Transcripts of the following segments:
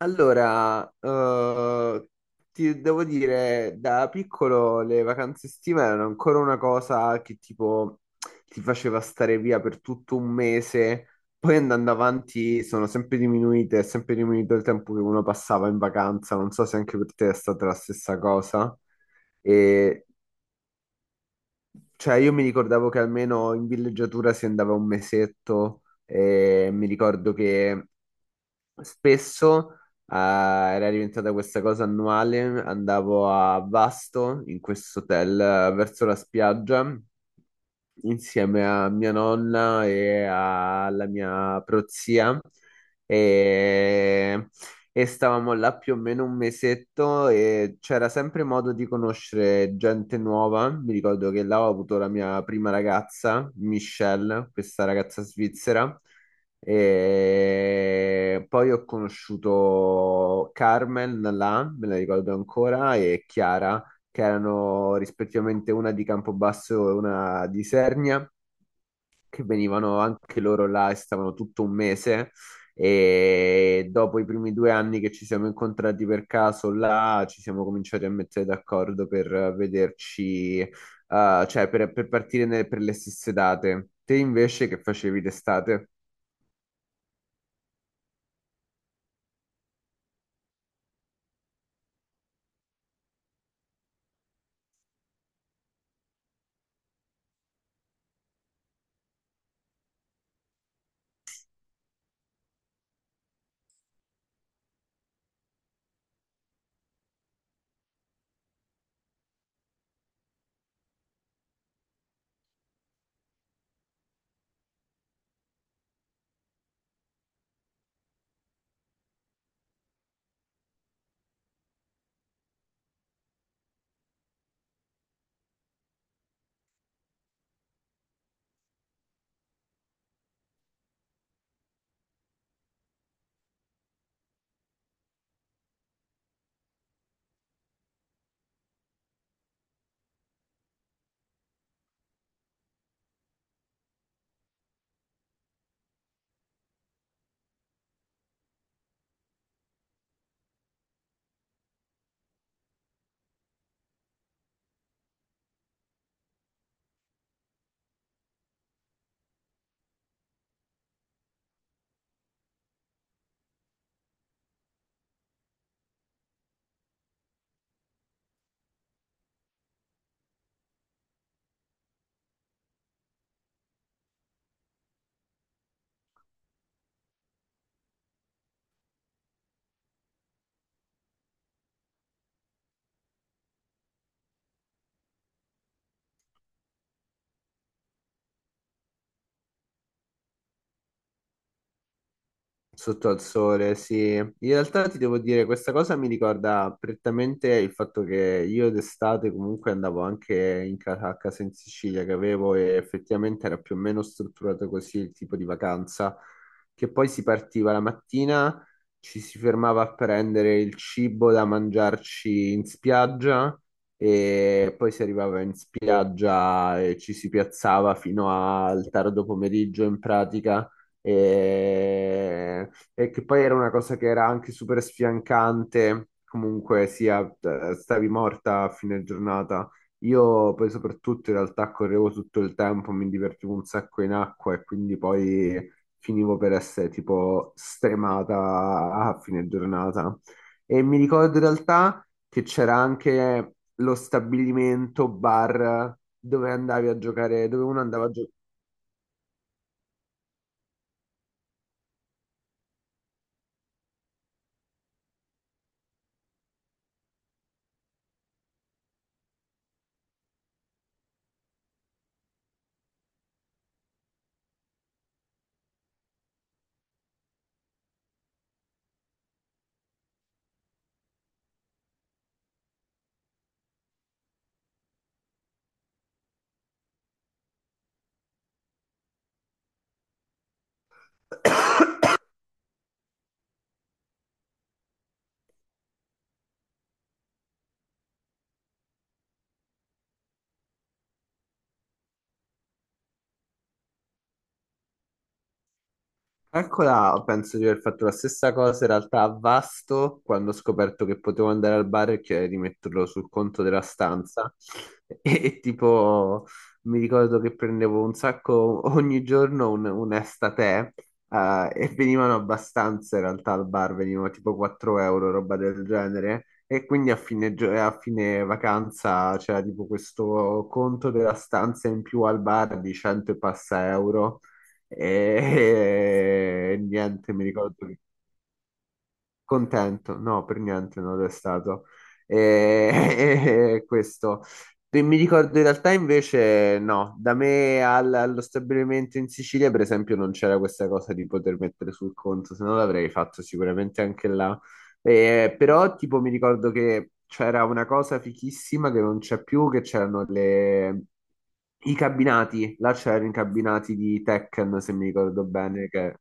Allora, eh, ti devo dire, da piccolo le vacanze estive erano ancora una cosa che tipo ti faceva stare via per tutto un mese, poi andando avanti sono sempre diminuite, è sempre diminuito il tempo che uno passava in vacanza, non so se anche per te è stata la stessa cosa. E, cioè, io mi ricordavo che almeno in villeggiatura si andava un mesetto e mi ricordo che spesso era diventata questa cosa annuale, andavo a Vasto in questo hotel, verso la spiaggia insieme a mia nonna e alla mia prozia e, e stavamo là più o meno un mesetto e c'era sempre modo di conoscere gente nuova. Mi ricordo che là ho avuto la mia prima ragazza, Michelle, questa ragazza svizzera. E poi ho conosciuto Carmen là, me la ricordo ancora, e Chiara, che erano rispettivamente una di Campobasso e una di Sernia, che venivano anche loro là e stavano tutto un mese. E dopo i primi due anni che ci siamo incontrati per caso là, ci siamo cominciati a mettere d'accordo per vederci, cioè per partire per le stesse date. Te invece che facevi d'estate? Sotto al sole, sì. In realtà ti devo dire, questa cosa mi ricorda prettamente il fatto che io d'estate comunque andavo anche in casa, a casa in Sicilia che avevo, e effettivamente era più o meno strutturato così il tipo di vacanza, che poi si partiva la mattina, ci si fermava a prendere il cibo da mangiarci in spiaggia e poi si arrivava in spiaggia e ci si piazzava fino al tardo pomeriggio in pratica e che poi era una cosa che era anche super sfiancante, comunque sia, stavi morta a fine giornata. Io poi soprattutto in realtà correvo tutto il tempo, mi divertivo un sacco in acqua e quindi poi finivo per essere tipo stremata a fine giornata. E mi ricordo in realtà che c'era anche lo stabilimento bar dove andavi a giocare, dove uno andava a giocare. Calcola, penso di aver fatto la stessa cosa in realtà a Vasto quando ho scoperto che potevo andare al bar e chiedere di metterlo sul conto della stanza. E, e tipo, mi ricordo che prendevo un sacco ogni giorno un estate, e venivano abbastanza in realtà al bar, venivano tipo 4 euro, roba del genere. E quindi a a fine vacanza c'era tipo questo conto della stanza in più al bar di 100 e passa euro. E niente, mi ricordo che contento, no, per niente non lo è stato. E e questo. E mi ricordo in realtà invece no, da me allo stabilimento in Sicilia per esempio non c'era questa cosa di poter mettere sul conto, se no l'avrei fatto sicuramente anche là. Però tipo mi ricordo che c'era una cosa fichissima che non c'è più, che c'erano i cabinati, là c'erano i cabinati di Tekken se mi ricordo bene, che...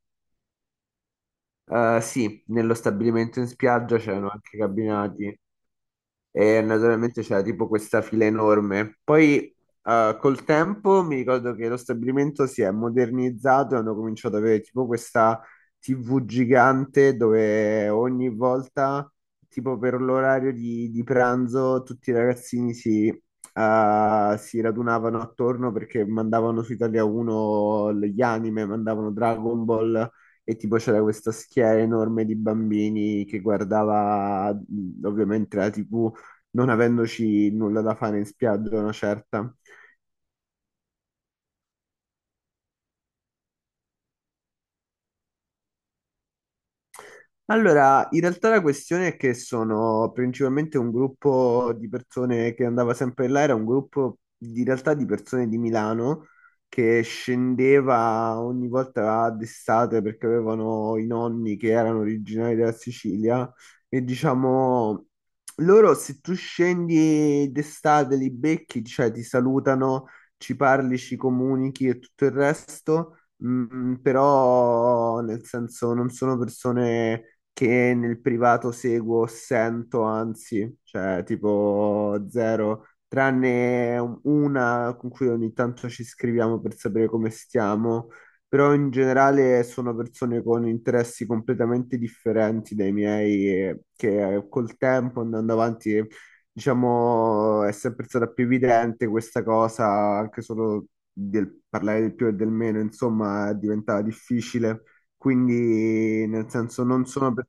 Eh sì, nello stabilimento in spiaggia c'erano anche cabinati e naturalmente c'era tipo questa fila enorme. Poi col tempo mi ricordo che lo stabilimento si è modernizzato e hanno cominciato ad avere tipo questa TV gigante dove ogni volta, tipo per l'orario di pranzo, tutti i ragazzini si radunavano attorno perché mandavano su Italia 1 gli anime, mandavano Dragon Ball. E tipo c'era questa schiera enorme di bambini che guardava, ovviamente, la TV, non avendoci nulla da fare in spiaggia, una certa. Allora, in realtà la questione è che sono principalmente un gruppo di persone che andava sempre là, era un gruppo di in realtà di persone di Milano che scendeva ogni volta d'estate perché avevano i nonni che erano originari della Sicilia e diciamo loro, se tu scendi d'estate li becchi, cioè ti salutano, ci parli, ci comunichi e tutto il resto, però nel senso non sono persone che nel privato seguo, sento, anzi, cioè tipo zero, tranne una con cui ogni tanto ci scriviamo per sapere come stiamo, però in generale sono persone con interessi completamente differenti dai miei, e che col tempo andando avanti, diciamo, è sempre stata più evidente questa cosa, anche solo del parlare del più e del meno, insomma, diventava difficile. Quindi, nel senso, non sono per...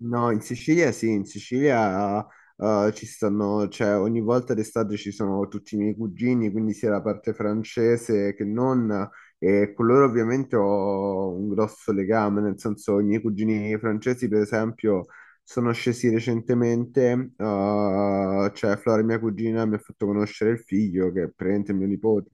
No, in Sicilia sì, in Sicilia ci stanno, cioè ogni volta d'estate ci sono tutti i miei cugini, quindi sia la parte francese che non, e con loro ovviamente ho un grosso legame, nel senso i miei cugini francesi, per esempio, sono scesi recentemente, cioè Flora, mia cugina, mi ha fatto conoscere il figlio, che è praticamente mio nipote.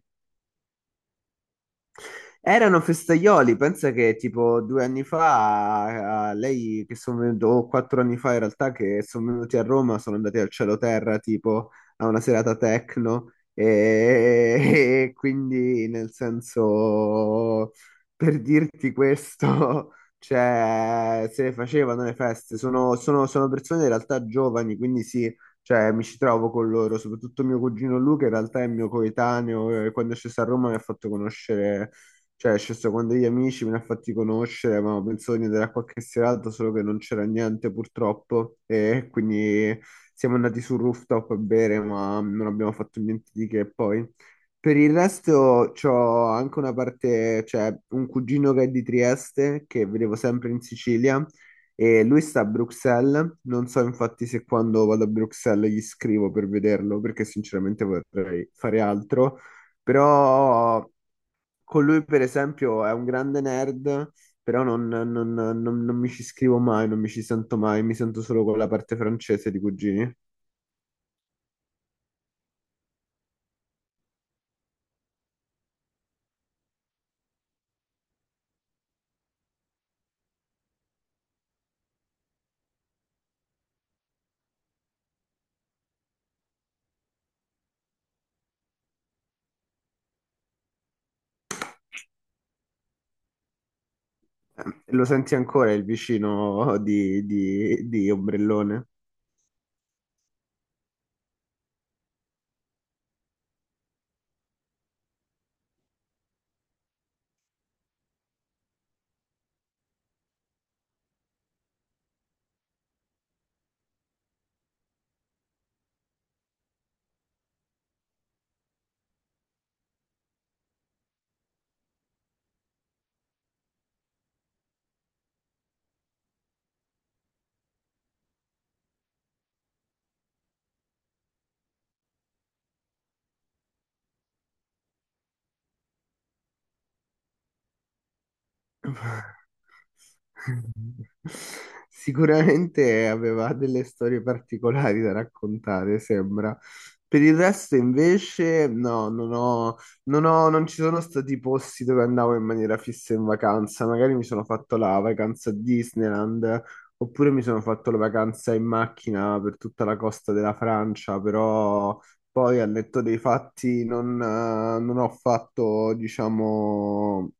Erano festaioli, pensa che tipo due anni fa, lei che sono venuto, o quattro anni fa in realtà, che sono venuti a Roma, sono andati al Cielo Terra tipo a una serata techno e e quindi nel senso, per dirti questo, cioè se le facevano le feste, sono persone in realtà giovani, quindi sì, cioè mi ci trovo con loro, soprattutto mio cugino Luca, in realtà è mio coetaneo e quando è sceso a Roma mi ha fatto conoscere, cioè, è sceso con degli amici, me ne ha fatti conoscere, avevamo pensato di andare a qualche serata, solo che non c'era niente purtroppo. E quindi siamo andati sul rooftop a bere, ma non abbiamo fatto niente di che poi. Per il resto c'ho anche una parte, cioè un cugino che è di Trieste, che vedevo sempre in Sicilia, e lui sta a Bruxelles. Non so infatti se quando vado a Bruxelles gli scrivo per vederlo, perché sinceramente vorrei fare altro. Però con lui, per esempio, è un grande nerd, però non mi ci scrivo mai, non mi ci sento mai, mi sento solo con la parte francese di cugini. Lo senti ancora il vicino di ombrellone? Sicuramente aveva delle storie particolari da raccontare, sembra. Per il resto, invece, non ci sono stati posti dove andavo in maniera fissa in vacanza. Magari mi sono fatto la vacanza a Disneyland, oppure mi sono fatto la vacanza in macchina per tutta la costa della Francia, però poi, al netto dei fatti, non ho fatto, diciamo,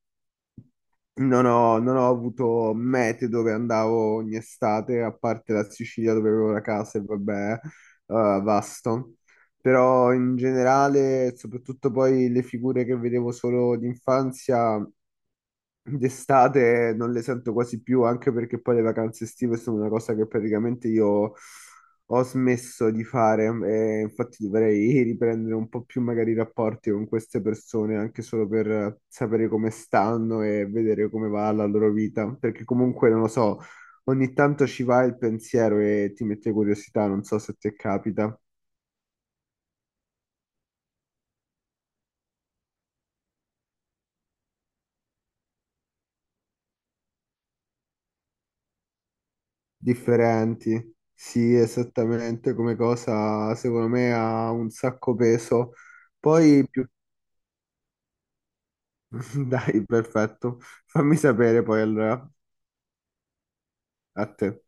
non ho avuto mete dove andavo ogni estate, a parte la Sicilia dove avevo la casa e vabbè, Vasto. Però in generale, soprattutto poi le figure che vedevo solo d'infanzia, d'estate non le sento quasi più, anche perché poi le vacanze estive sono una cosa che praticamente io ho smesso di fare. E infatti dovrei riprendere un po' più magari i rapporti con queste persone, anche solo per sapere come stanno e vedere come va la loro vita. Perché comunque, non lo so, ogni tanto ci va il pensiero e ti mette curiosità, non so se ti capita. Differenti. Sì, esattamente come cosa, secondo me ha un sacco peso. Poi più Dai, perfetto. Fammi sapere poi allora, a te.